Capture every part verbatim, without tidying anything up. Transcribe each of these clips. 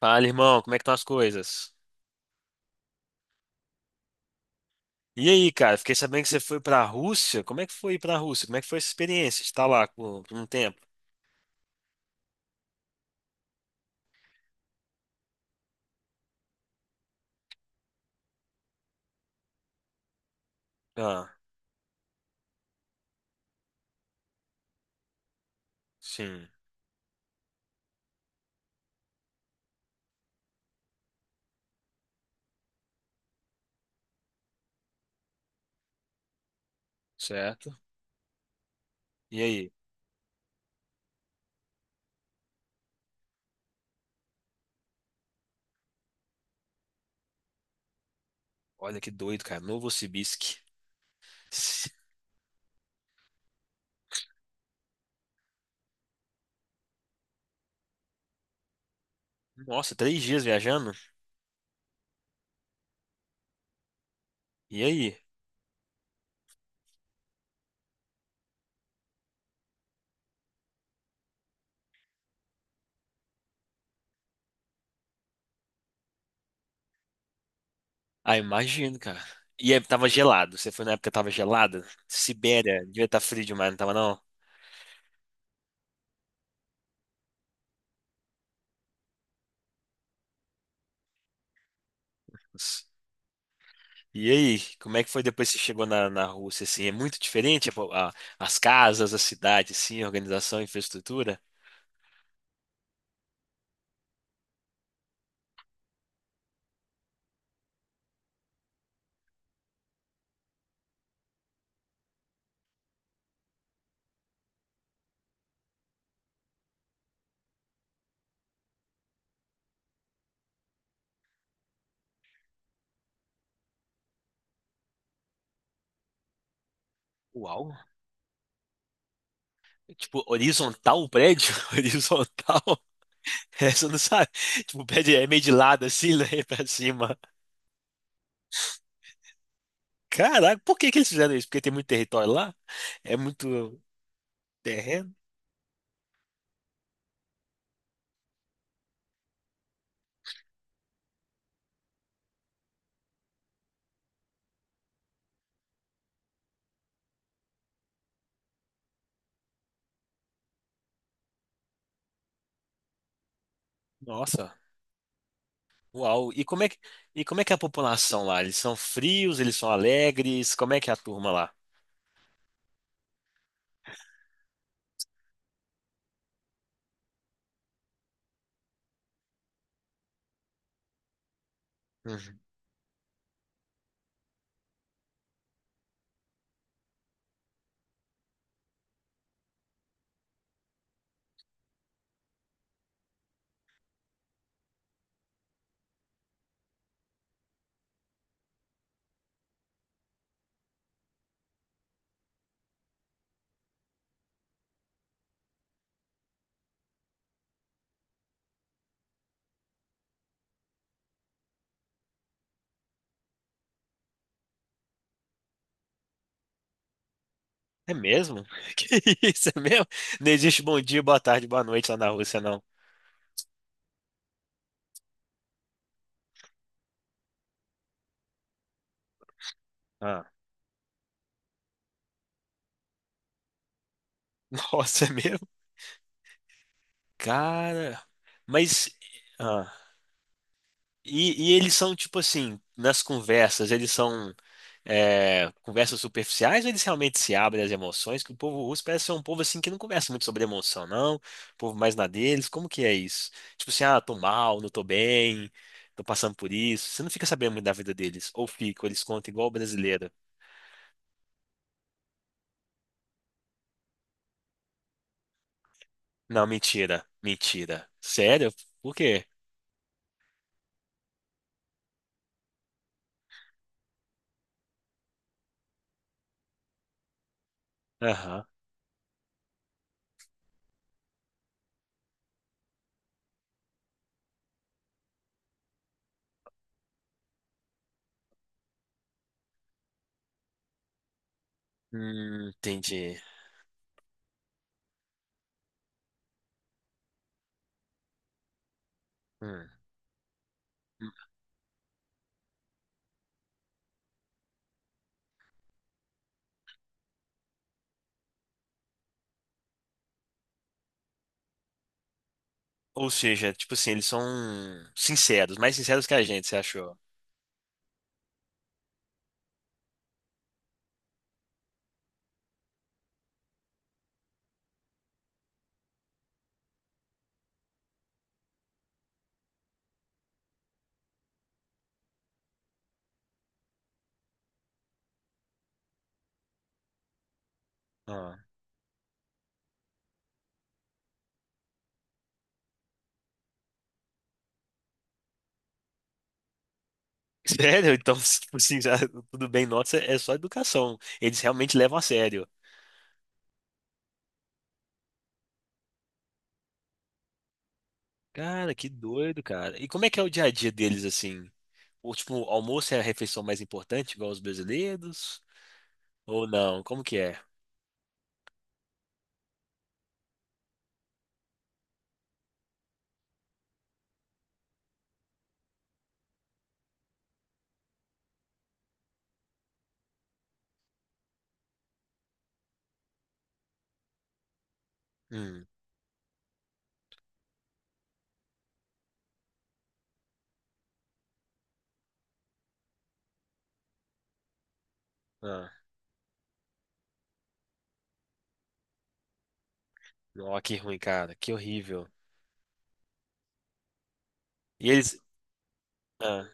Fala, irmão, como é que estão as coisas? E aí, cara, fiquei sabendo que você foi pra Rússia. Como é que foi ir pra Rússia? Como é que foi essa experiência de estar lá por por um tempo? Ah, sim, certo. E aí? Olha que doido, cara. Novosibirsk. Nossa, três dias viajando? E aí? Ah, imagino, cara. E aí, tava gelado. Você foi na época que tava gelada? Sibéria, devia estar frio demais, não tava não? E aí, como é que foi depois que você chegou na, na Rússia, assim? É muito diferente a- a- as casas, a cidade, assim, a organização, a infraestrutura? Uau! Tipo, horizontal o prédio? Horizontal? Essa eu não sabe. Tipo, o prédio é meio de lado, assim, né? Pra cima. Caraca, por que que eles fizeram isso? Porque tem muito território lá? É muito terreno? Nossa, uau! E como é que, e como é que é a população lá? Eles são frios? Eles são alegres? Como é que é a turma lá? Uhum. É mesmo? Que isso, é mesmo? Não existe bom dia, boa tarde, boa noite lá na Rússia, não. Ah. Nossa, é mesmo? Cara, mas. Ah. E, e eles são tipo assim, nas conversas, eles são. É, conversas superficiais ou eles realmente se abrem às emoções? Que o povo russo parece ser um povo assim que não conversa muito sobre emoção, não. O povo mais na deles. Como que é isso? Tipo assim, ah, tô mal, não tô bem, tô passando por isso. Você não fica sabendo muito da vida deles. Ou fica, ou eles contam igual o brasileiro. Não, mentira, mentira. Sério? Por quê? Aham. Hum, entendi. Hum. Ou seja, tipo assim, eles são sinceros, mais sinceros que a gente, você achou? Ah. Sério? Então, tipo assim, já- tudo bem, nossa, é só educação. Eles realmente levam a sério. Cara, que doido, cara. E como é que é o dia a dia deles, assim? Ou, tipo, o almoço é a refeição mais importante, igual os brasileiros? Ou não? Como que é? Hum, ah, ó, que ruim, cara. Que horrível. E eles... Ah,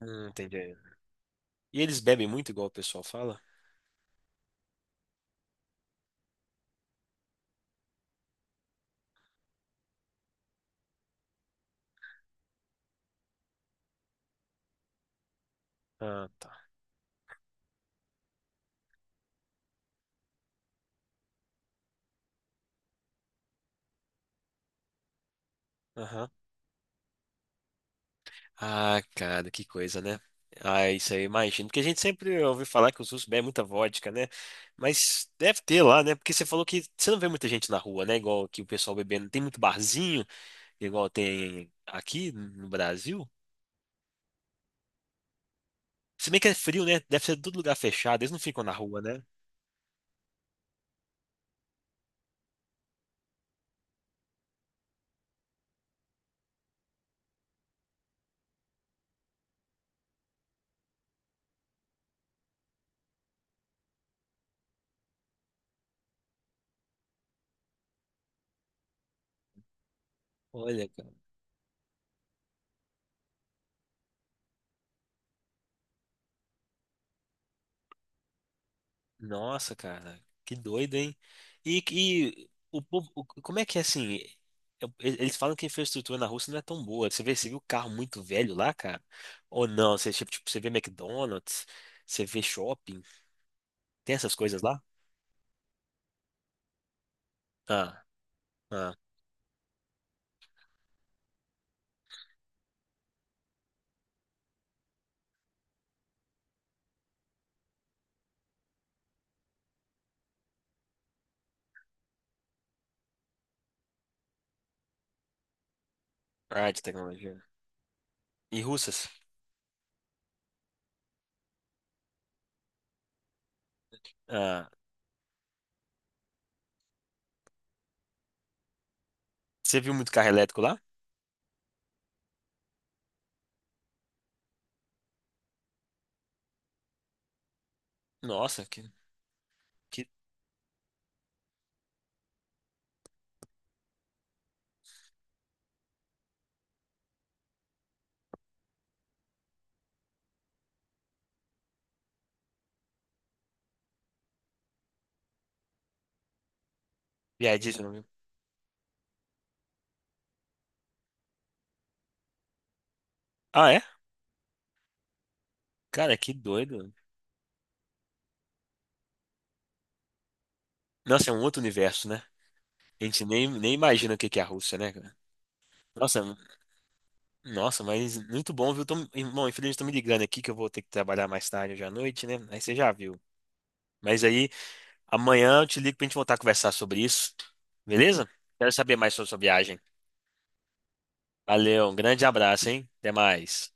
hum, entendi. E eles bebem muito, igual o pessoal fala? Ah, tá. Aham. Ah, cara, que coisa, né? Ah, isso aí eu imagino. Porque a gente sempre ouve falar que os russos bebem muita vodka, né? Mas deve ter lá, né? Porque você falou que você não vê muita gente na rua, né? Igual que o pessoal bebendo. Tem muito barzinho, igual tem aqui no Brasil. Se bem que é frio, né? Deve ser todo lugar fechado. Eles não ficam na rua, né? Olha, cara. Nossa, cara, que doido, hein? E, e o, povo- o- como é que é assim? eu- e- Eles falam que a infraestrutura na Rússia não é tão boa. Você vê, você viu carro muito velho lá, cara? Ou não? Você, tipo, tipo, você vê McDonald's, você vê shopping, tem essas coisas lá? Ah, ah, ah, de tecnologia. E russas? Ah, você viu muito carro elétrico lá? Nossa, que, que viadíssimo, viu? Ah, é? Cara, que doido. Nossa, é um outro universo, né? A gente nem, nem imagina o que que é a Rússia, né, cara? Nossa, Nossa, mas muito bom, viu? Tô- Bom, infelizmente estão me ligando aqui que eu vou ter que trabalhar mais tarde hoje à noite, né? Aí você já viu. Mas aí amanhã eu te ligo pra gente voltar a conversar sobre isso, beleza? Quero saber mais sobre sua viagem. Valeu, um grande abraço, hein? Até mais.